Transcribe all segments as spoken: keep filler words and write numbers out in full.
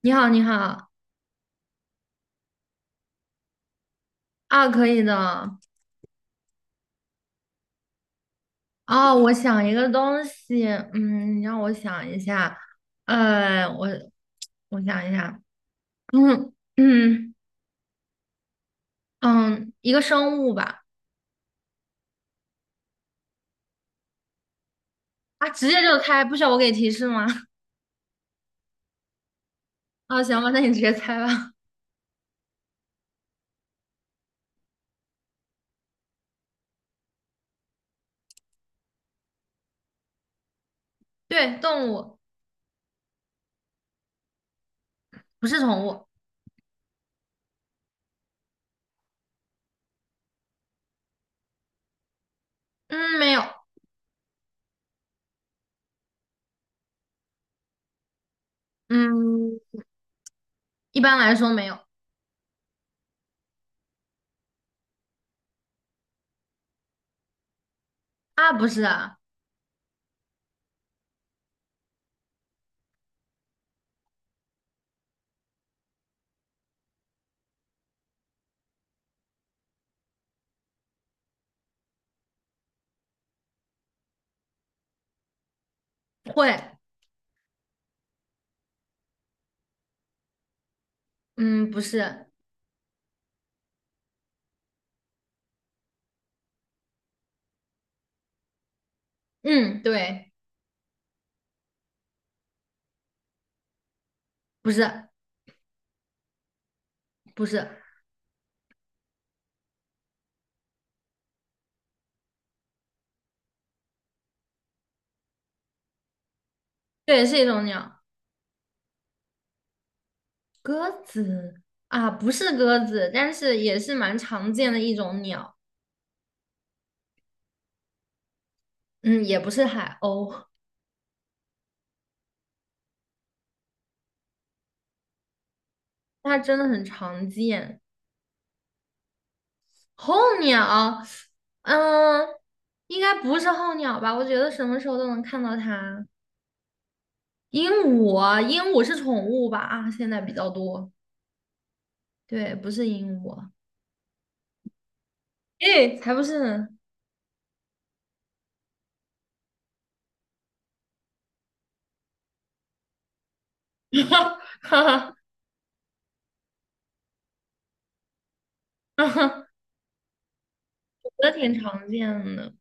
你好，你好。啊，可以的。哦，我想一个东西，嗯，你让我想一下，呃，我我想一下，嗯嗯，嗯，一个生物吧。啊，直接就猜，不需要我给提示吗？啊，行吧，那你直接猜吧。对，动物。不是宠物。嗯，没有。嗯，一般来说没有。啊，不是啊。会。嗯，不是。嗯，对。不是。不是。对，是一种鸟。鸽子啊，不是鸽子，但是也是蛮常见的一种鸟。嗯，也不是海鸥。它真的很常见。候鸟，嗯，应该不是候鸟吧？我觉得什么时候都能看到它。鹦鹉，鹦鹉是宠物吧？啊，现在比较多。对，不是鹦鹉。诶，才不是呢。哈哈哈哈哈。我觉得挺常见的。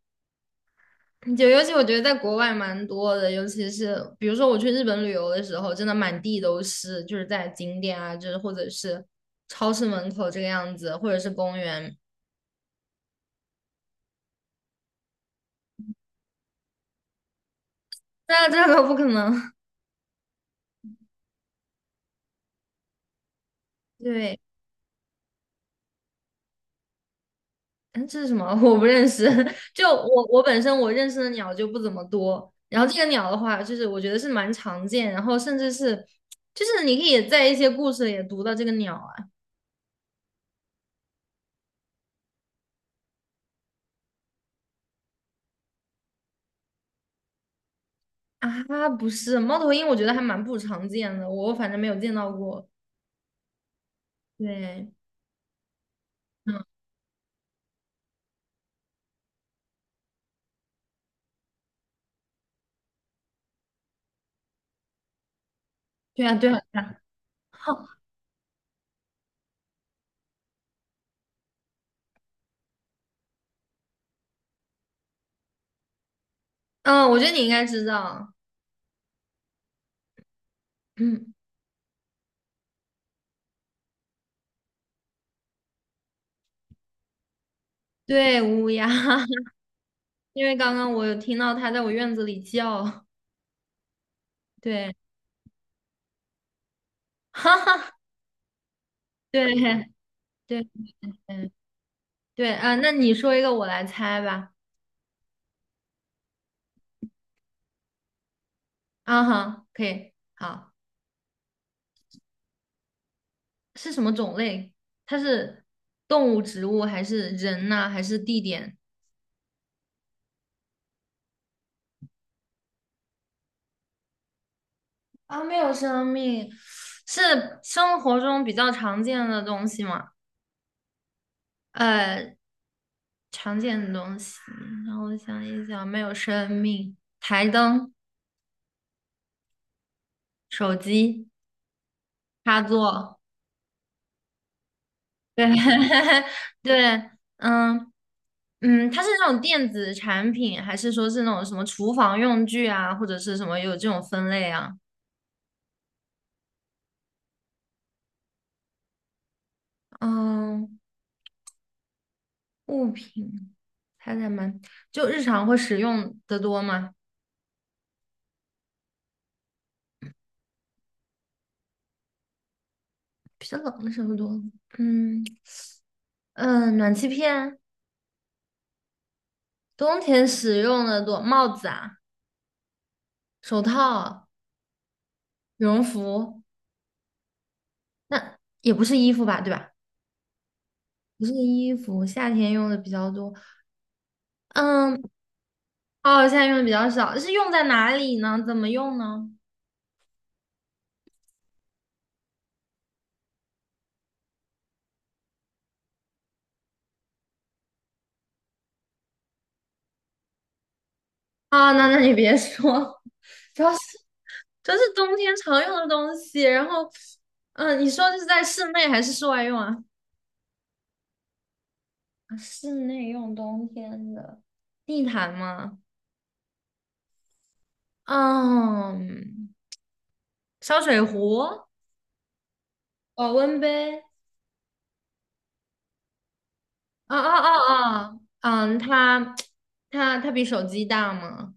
就尤其我觉得在国外蛮多的，尤其是比如说我去日本旅游的时候，真的满地都是，就是在景点啊，就是或者是超市门口这个样子，或者是公园。那这个不可能。对。嗯，这是什么？我不认识。就我我本身我认识的鸟就不怎么多，然后这个鸟的话，就是我觉得是蛮常见，然后甚至是就是你可以在一些故事里也读到这个鸟啊。啊，不是猫头鹰，我觉得还蛮不常见的，我反正没有见到过。对。嗯。对啊，对啊，对啊。哦。嗯，我觉得你应该知道。嗯，对，乌鸦。因为刚刚我有听到它在我院子里叫。对。哈哈。对。对。嗯。对啊，那你说一个，我来猜吧。啊哈，可以，好。是什么种类？它是动物、植物，还是人呐、还是地点？啊，没有生命，是生活中比较常见的东西吗？呃，常见的东西，让我想一想，没有生命，台灯、手机、插座。对 对。嗯，嗯，它是那种电子产品，还是说是那种什么厨房用具啊，或者是什么有这种分类啊？嗯，物品，猜猜嘛，就日常会使用的多吗？比较冷的时候多。嗯，嗯，呃暖气片，冬天使用的多，帽子啊，手套。羽绒服那也不是衣服吧，对吧？不是衣服，夏天用的比较多。嗯。哦，夏天用的比较少，是用在哪里呢？怎么用呢？啊，那那你别说。主要是这是冬天常用的东西。然后，嗯，你说这是在室内还是室外用啊？啊，室内用冬天的地毯吗？嗯，烧水壶、保温杯。啊啊啊啊！嗯，它它它比手机大吗？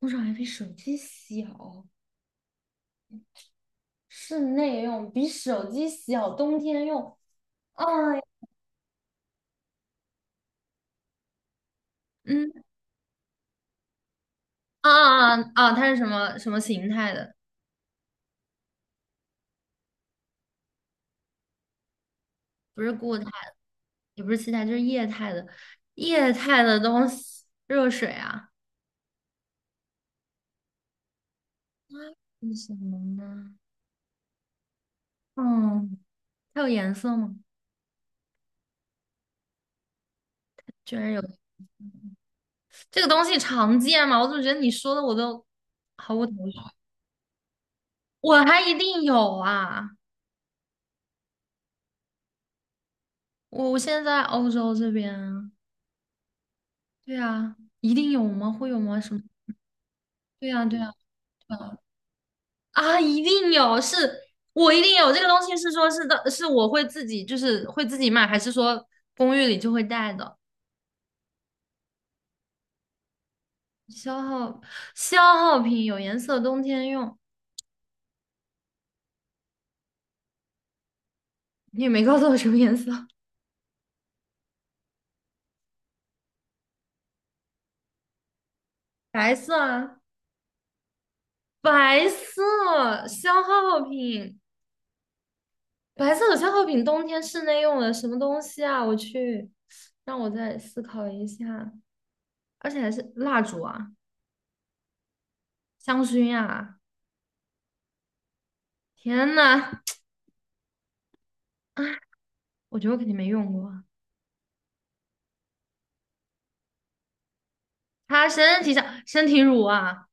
多少还比手机小，室内用比手机小，冬天用。哎，嗯。啊啊啊！它是什么什么形态的？不是固态的，也不是气态，就是液态的。液态的东西，热水啊。是什么呢？嗯，它有颜色吗？居然有。这个东西常见吗？我怎么觉得你说的我都毫无头绪？我还一定有啊！我我现在在欧洲这边啊。对啊，一定有吗？会有吗？什么？对呀，对呀，对呀。啊，一定有，是我一定有这个东西，是说是的，是我会自己就是会自己买，还是说公寓里就会带的？消耗，消耗品，有颜色，冬天用。你也没告诉我什么颜色。白色啊，白色消耗品，白色的消耗品，冬天室内用的什么东西啊？我去，让我再思考一下，而且还是蜡烛啊，香薰啊，天呐，我觉得我肯定没用过。擦身体上身体乳啊，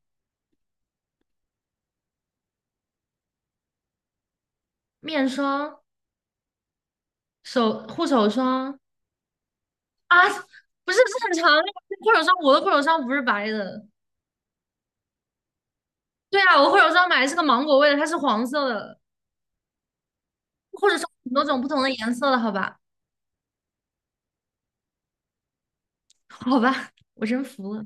面霜、手护手霜啊，不是正常长的护手霜，我的护手霜不是白的。对啊，我护手霜买的是个芒果味的，它是黄色的，护手霜有很多种不同的颜色的，好吧？好吧，我真服了。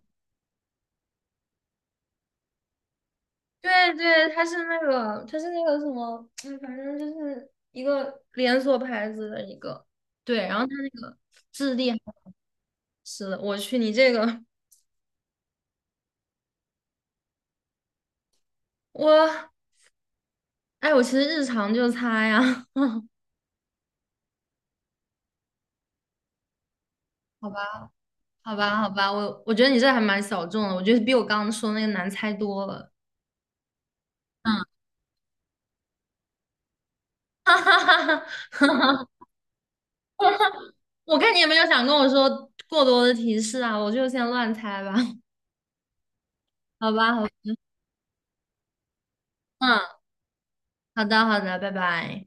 对对，它是那个，它是那个什么，嗯，反正就是一个连锁牌子的一个，对，然后它那个质地还是的，我去，你这个我，哎，我其实日常就擦呀。好吧。好吧，好吧，我我觉得你这还蛮小众的，我觉得比我刚刚说那个难猜多了。嗯。哈哈哈哈哈！我看你也没有想跟我说过多的提示啊，我就先乱猜吧。好吧，好吧。嗯，好的，好的，拜拜。